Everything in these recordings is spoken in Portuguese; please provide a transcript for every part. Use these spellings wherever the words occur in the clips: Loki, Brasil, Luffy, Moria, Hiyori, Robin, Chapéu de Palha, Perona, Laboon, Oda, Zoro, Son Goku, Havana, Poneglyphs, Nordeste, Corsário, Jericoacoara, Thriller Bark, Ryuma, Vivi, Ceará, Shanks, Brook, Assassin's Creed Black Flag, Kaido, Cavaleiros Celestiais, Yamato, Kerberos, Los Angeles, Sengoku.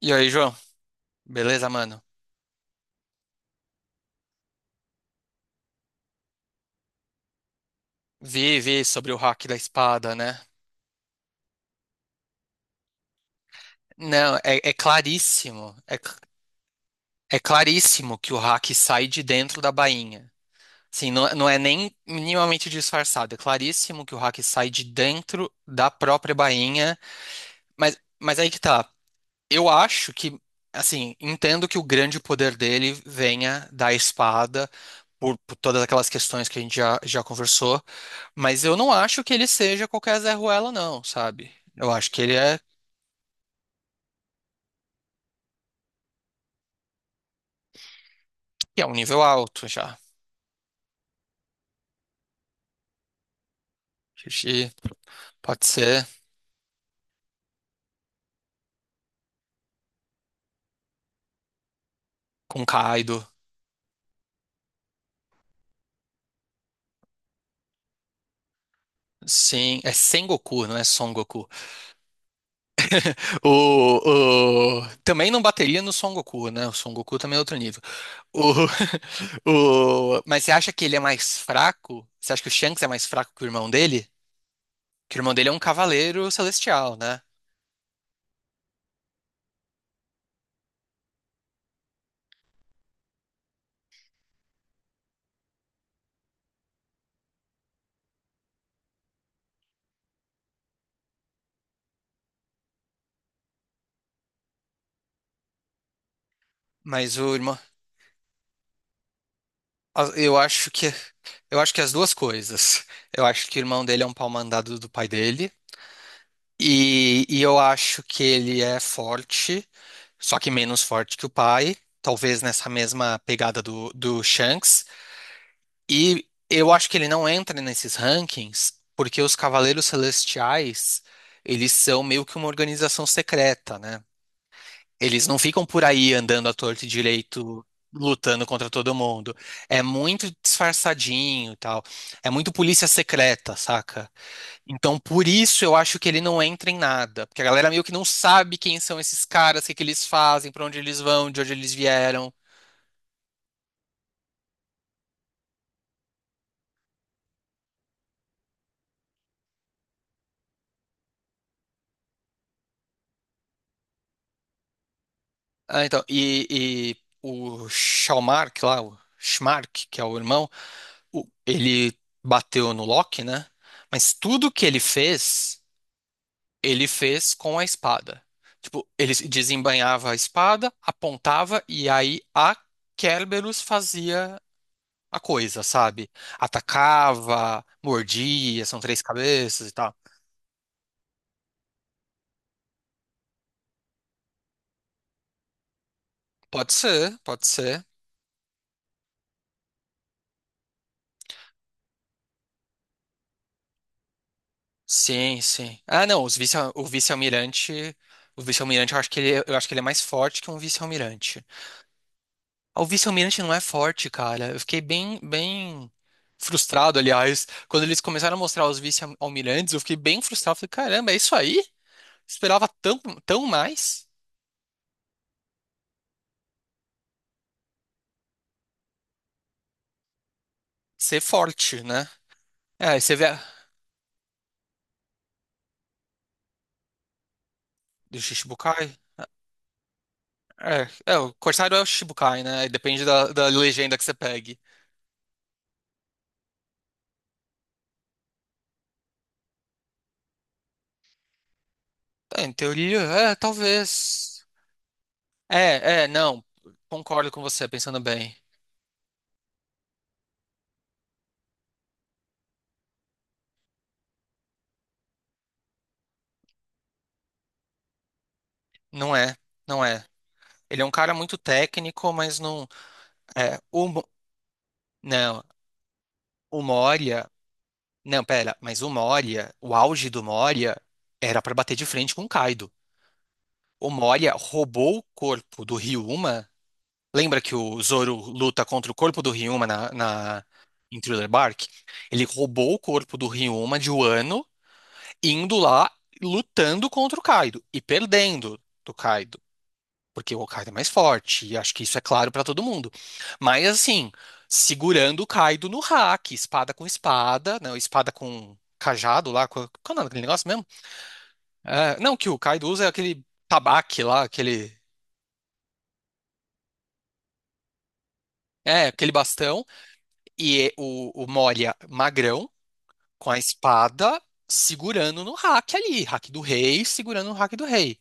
E aí, João? Beleza, mano? Vi sobre o hack da espada, né? Não, é claríssimo. É claríssimo que o hack sai de dentro da bainha. Assim, não é nem minimamente disfarçado. É claríssimo que o hack sai de dentro da própria bainha. Mas aí que tá. Eu acho que, assim, entendo que o grande poder dele venha da espada, por todas aquelas questões que a gente já conversou. Mas eu não acho que ele seja qualquer Zé Ruela, não, sabe? Eu acho que é um nível alto já. Xixi, pode ser com Kaido. Sim, é Sengoku, não é Son Goku. Também não bateria no Son Goku, né? O Son Goku também é outro nível. O, Mas você acha que ele é mais fraco? Você acha que o Shanks é mais fraco que o irmão dele? Que o irmão dele é um cavaleiro celestial, né? Mas o irmão. Eu acho que. Eu acho que as duas coisas. Eu acho que o irmão dele é um pau mandado do pai dele. E eu acho que ele é forte, só que menos forte que o pai. Talvez nessa mesma pegada do Shanks. E eu acho que ele não entra nesses rankings porque os Cavaleiros Celestiais, eles são meio que uma organização secreta, né? Eles não ficam por aí andando à torto e direito, lutando contra todo mundo. É muito disfarçadinho e tal. É muito polícia secreta, saca? Então, por isso eu acho que ele não entra em nada. Porque a galera meio que não sabe quem são esses caras, o que que eles fazem, pra onde eles vão, de onde eles vieram. Ah, então, e o Shalmark lá, o Schmark, que é o irmão, ele bateu no Loki, né? Mas tudo que ele fez, ele fez com a espada. Tipo, ele desembainhava a espada, apontava e aí a Kerberos fazia a coisa, sabe? Atacava, mordia, são três cabeças e tal. Pode ser, pode ser. Sim, sim. Ah, não, o vice-almirante, eu acho que eu acho que ele é mais forte que um vice-almirante. Ah, o vice-almirante não é forte, cara. Eu fiquei bem, bem frustrado, aliás. Quando eles começaram a mostrar os vice-almirantes, eu fiquei bem frustrado. Falei, caramba, é isso aí? Esperava tão, tão mais ser forte, né? É, aí você vê. Do Shichibukai? É, o Corsário é o Shichibukai, né? E depende da legenda que você pegue. É, em teoria, é, talvez. É, é, não. Concordo com você, pensando bem. Não é, não é. Ele é um cara muito técnico, mas não. É, não. O Moria. Não, pera, mas o Moria, o auge do Moria era pra bater de frente com o Kaido. O Moria roubou o corpo do Ryuma. Lembra que o Zoro luta contra o corpo do Ryuma em Thriller Bark? Ele roubou o corpo do Ryuma de Wano, indo lá lutando contra o Kaido e perdendo do Kaido porque o Kaido é mais forte, e acho que isso é claro pra todo mundo. Mas assim, segurando o Kaido no hack, espada com espada, não, espada com cajado lá, qual é o nome daquele negócio mesmo? É, não, que o Kaido usa aquele tabaque lá, aquele bastão, e o Moria magrão com a espada segurando no hack ali, hack do rei, segurando no hack do rei.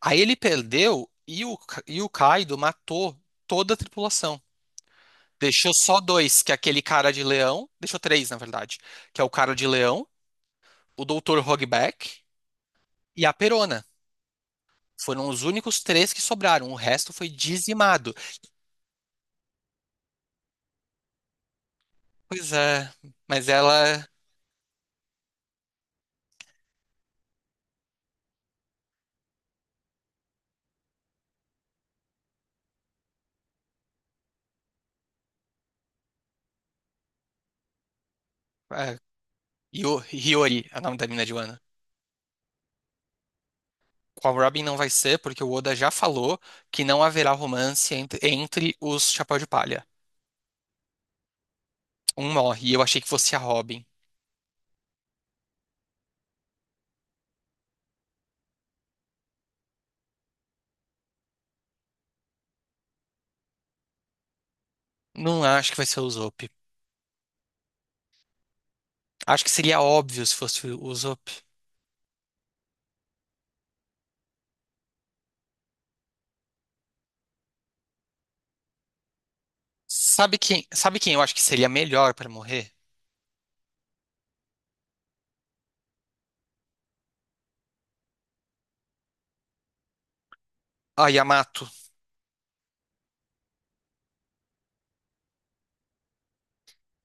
Aí ele perdeu e o Kaido matou toda a tripulação. Deixou só dois, que é aquele cara de leão. Deixou três, na verdade. Que é o cara de leão, o doutor Hogback e a Perona. Foram os únicos três que sobraram. O resto foi dizimado. Pois é, mas ela. É, Hiyori, é o nome da mina de Wano. Com a Robin não vai ser, porque o Oda já falou que não haverá romance entre os Chapéu de Palha. Um morre, e eu achei que fosse a Robin. Não acho que vai ser o Usopp. Acho que seria óbvio se fosse o Usopp. Sabe quem eu acho que seria melhor pra morrer? A Yamato.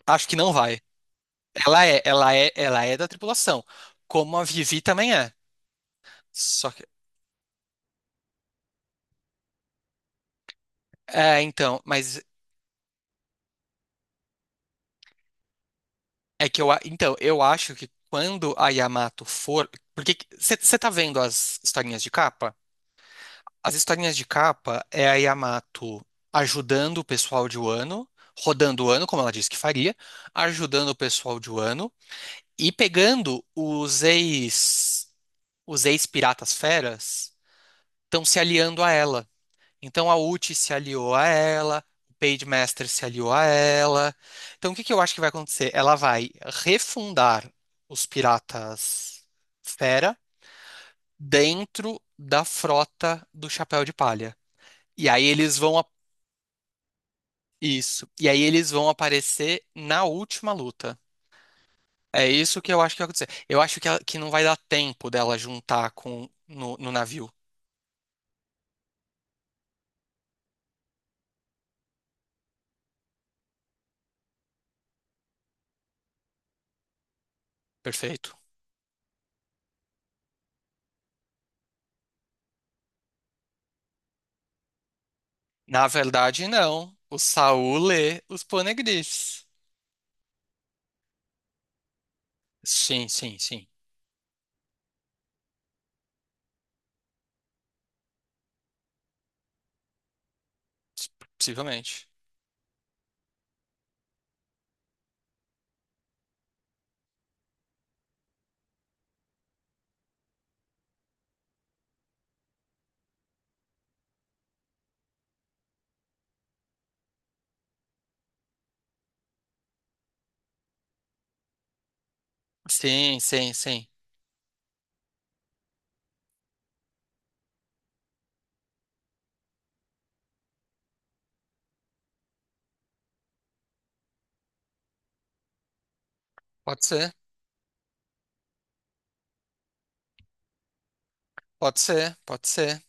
Acho que não vai. Ela é da tripulação, como a Vivi também é. Só que então, eu acho que quando a Yamato for, porque você tá vendo as historinhas de capa? As historinhas de capa é a Yamato ajudando o pessoal de Wano, rodando o Wano, como ela disse que faria, ajudando o pessoal de Wano e pegando os ex-piratas feras estão se aliando a ela. Então a Uchi se aliou a ela, o Page Master se aliou a ela. Então o que que eu acho que vai acontecer? Ela vai refundar os piratas fera dentro da frota do Chapéu de Palha. E aí eles vão isso. E aí eles vão aparecer na última luta. É isso que eu acho que vai acontecer. Eu acho que, que não vai dar tempo dela juntar com no navio. Perfeito. Na verdade, não. O Saul lê os Poneglyphs. Sim, sim, sim. Possivelmente. Sim, sim, sim. Pode ser, pode ser, pode ser.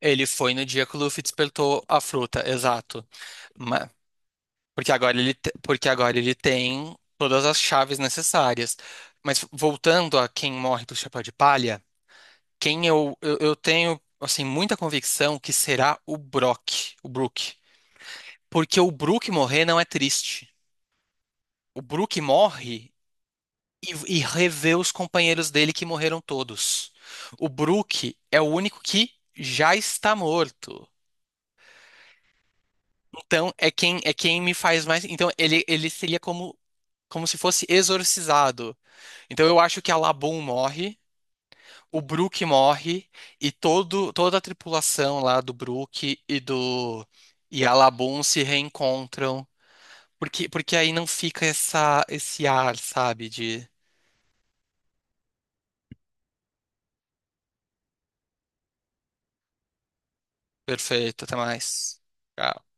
Ele foi no dia que o Luffy despertou a fruta, exato. Ma- porque agora ele tem todas as chaves necessárias. Mas voltando a quem morre do chapéu de palha, quem eu tenho assim muita convicção que será o Brock, o Brook. Porque o Brook morrer não é triste. O Brook morre e revê os companheiros dele que morreram todos. O Brook é o único que já está morto. Então é quem me faz mais. Então ele seria como, se fosse exorcizado. Então eu acho que a Laboon morre, o Brook morre e todo, toda a tripulação lá do Brook e a Laboon se reencontram. Porque aí não fica essa, esse ar, sabe, de perfeito, até mais. Tchau.